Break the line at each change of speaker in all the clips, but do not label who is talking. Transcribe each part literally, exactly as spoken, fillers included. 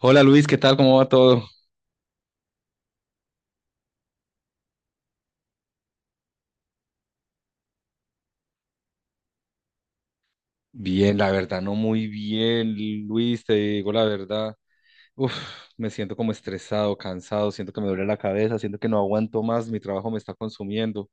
Hola Luis, ¿qué tal? ¿Cómo va todo? Bien, la verdad, no muy bien, Luis, te digo la verdad. Uf, Me siento como estresado, cansado, siento que me duele la cabeza, siento que no aguanto más, mi trabajo me está consumiendo.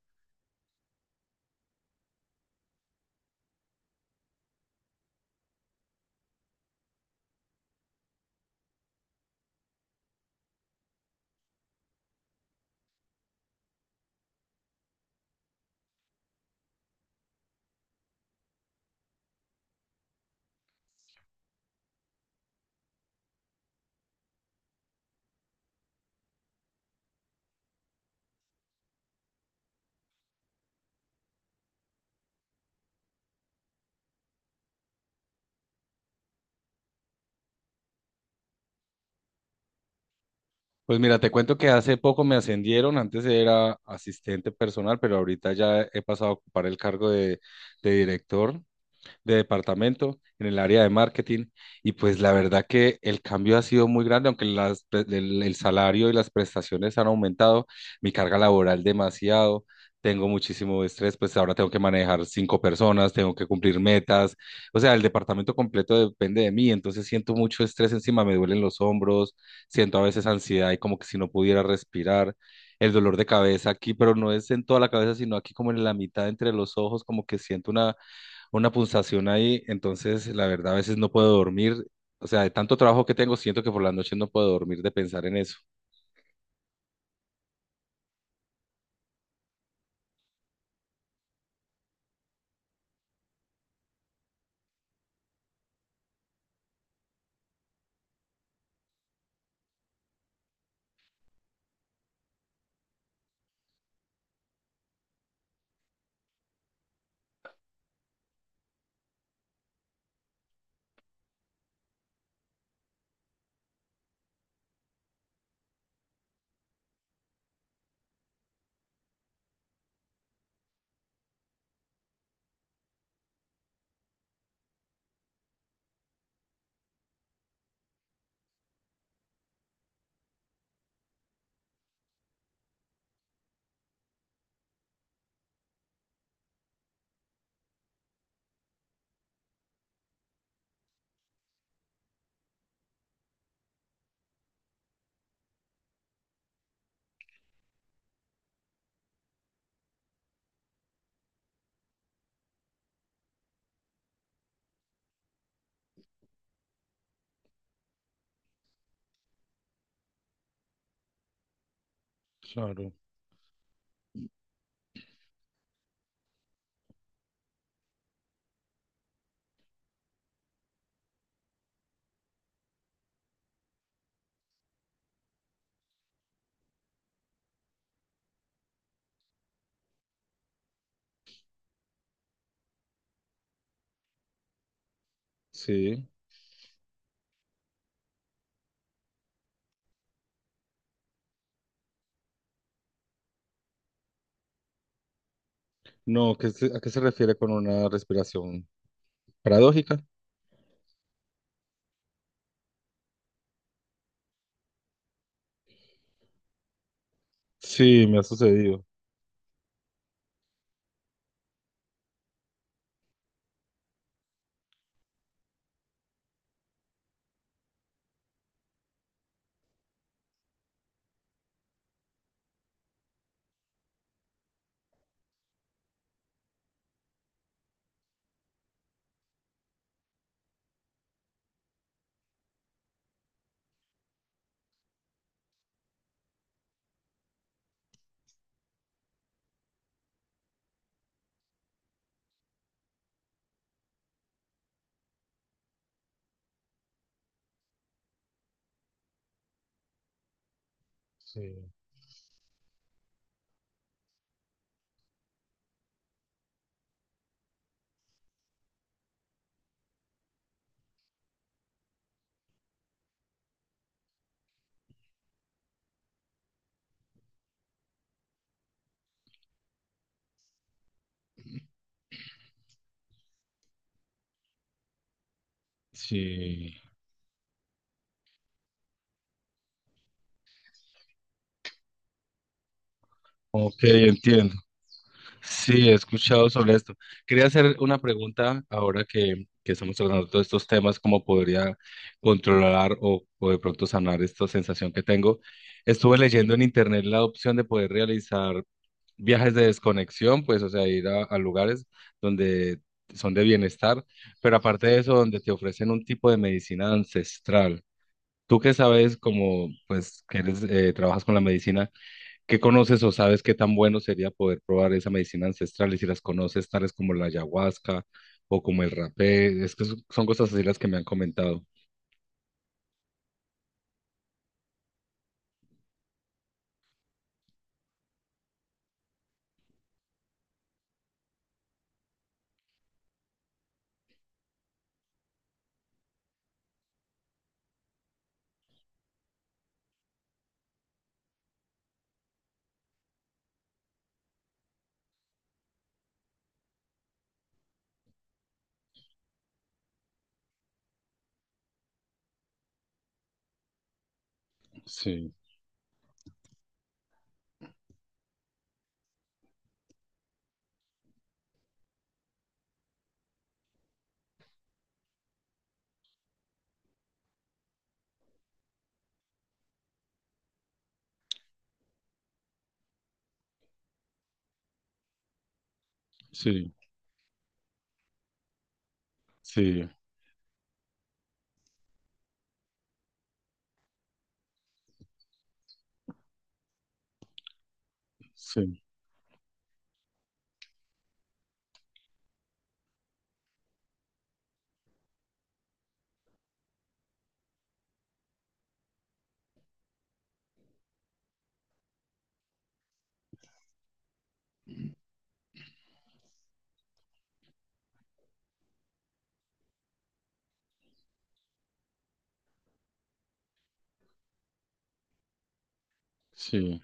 Pues mira, te cuento que hace poco me ascendieron, antes era asistente personal, pero ahorita ya he pasado a ocupar el cargo de, de director de departamento en el área de marketing, y pues la verdad que el cambio ha sido muy grande, aunque las pre- el, el salario y las prestaciones han aumentado, mi carga laboral demasiado. Tengo muchísimo estrés, pues ahora tengo que manejar cinco personas, tengo que cumplir metas, o sea, el departamento completo depende de mí, entonces siento mucho estrés encima, me duelen los hombros, siento a veces ansiedad y como que si no pudiera respirar, el dolor de cabeza aquí, pero no es en toda la cabeza, sino aquí como en la mitad entre los ojos, como que siento una una pulsación ahí, entonces la verdad a veces no puedo dormir. O sea, de tanto trabajo que tengo, siento que por la noche no puedo dormir de pensar en eso. Claro, sí. No, ¿qué se- ¿a qué se refiere con una respiración paradójica? Sí, me ha sucedido. Sí. Sí. Ok, entiendo. Sí, he escuchado sobre esto. Quería hacer una pregunta ahora que, que estamos tratando todos estos temas, cómo podría controlar o, o de pronto sanar esta sensación que tengo. Estuve leyendo en internet la opción de poder realizar viajes de desconexión, pues, o sea, ir a, a lugares donde son de bienestar, pero aparte de eso, donde te ofrecen un tipo de medicina ancestral. Tú que sabes, como, pues, que eres, eh, trabajas con la medicina. ¿Qué conoces o sabes qué tan bueno sería poder probar esa medicina ancestral, y si las conoces, tales como la ayahuasca o como el rapé? Es que son son cosas así las que me han comentado. Sí, sí, sí, sí, sí.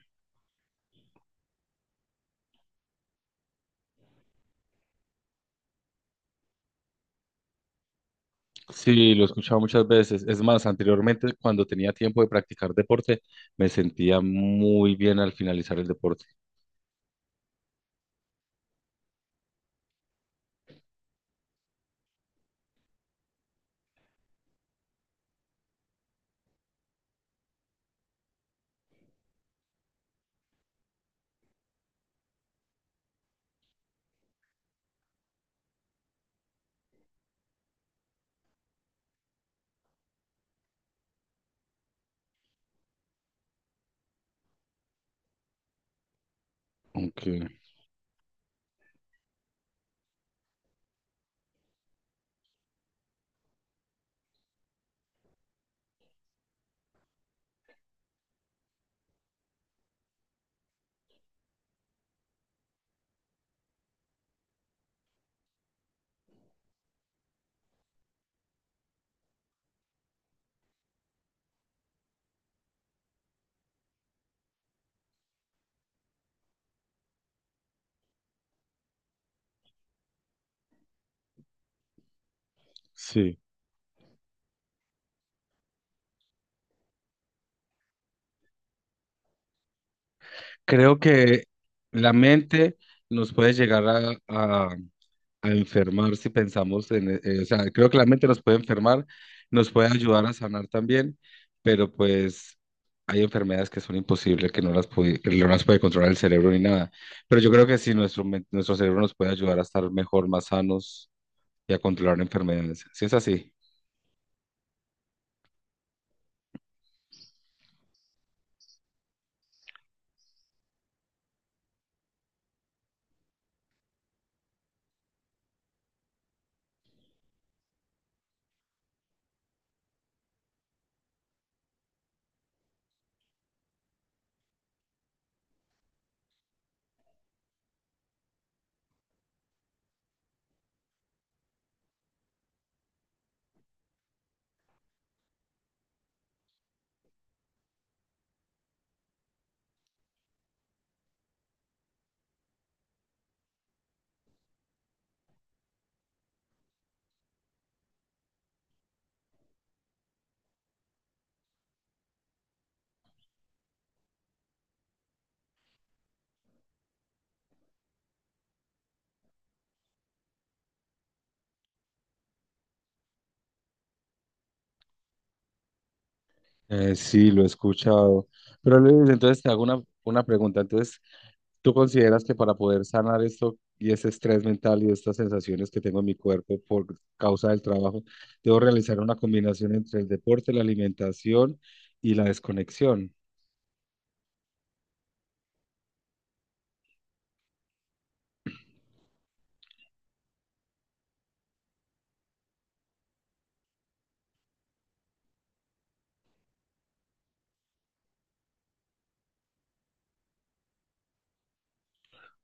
Sí, lo he escuchado muchas veces. Es más, anteriormente, cuando tenía tiempo de practicar deporte, me sentía muy bien al finalizar el deporte. Aunque, sí. Creo que la mente nos puede llegar a, a- a enfermar si pensamos en, eh, eh, o sea, creo que la mente nos puede enfermar, nos puede ayudar a sanar también, pero pues hay enfermedades que son imposibles, que no las puede, que no las puede controlar el cerebro ni nada. Pero yo creo que sí, nuestro, men- nuestro cerebro nos puede ayudar a estar mejor, más sanos y a controlar enfermedades. ¿Si es así? Eh, sí, lo he escuchado. Pero Luis, entonces te hago una, una pregunta. Entonces, ¿tú consideras que para poder sanar esto y ese estrés mental y estas sensaciones que tengo en mi cuerpo por causa del trabajo, debo realizar una combinación entre el deporte, la alimentación y la desconexión?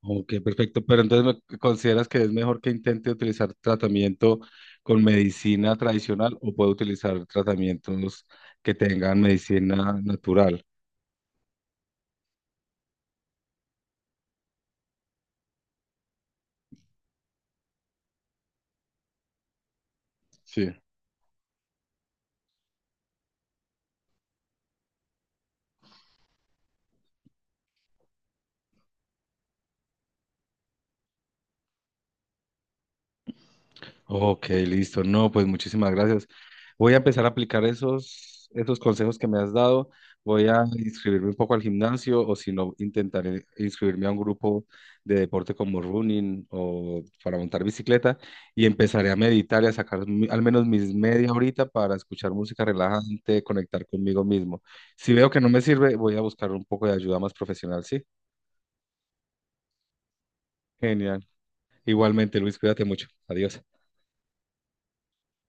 Ok, perfecto. Pero entonces, ¿me ¿consideras que es mejor que intente utilizar tratamiento con medicina tradicional, o puedo utilizar tratamientos que tengan medicina natural? Sí. Ok, listo. No, pues muchísimas gracias. Voy a empezar a aplicar esos, esos consejos que me has dado. Voy a inscribirme un poco al gimnasio o, si no, intentaré inscribirme a un grupo de deporte como running o para montar bicicleta, y empezaré a meditar y a sacar mi- al menos mis media horita para escuchar música relajante, conectar conmigo mismo. Si veo que no me sirve, voy a buscar un poco de ayuda más profesional, ¿sí? Genial. Igualmente, Luis, cuídate mucho. Adiós.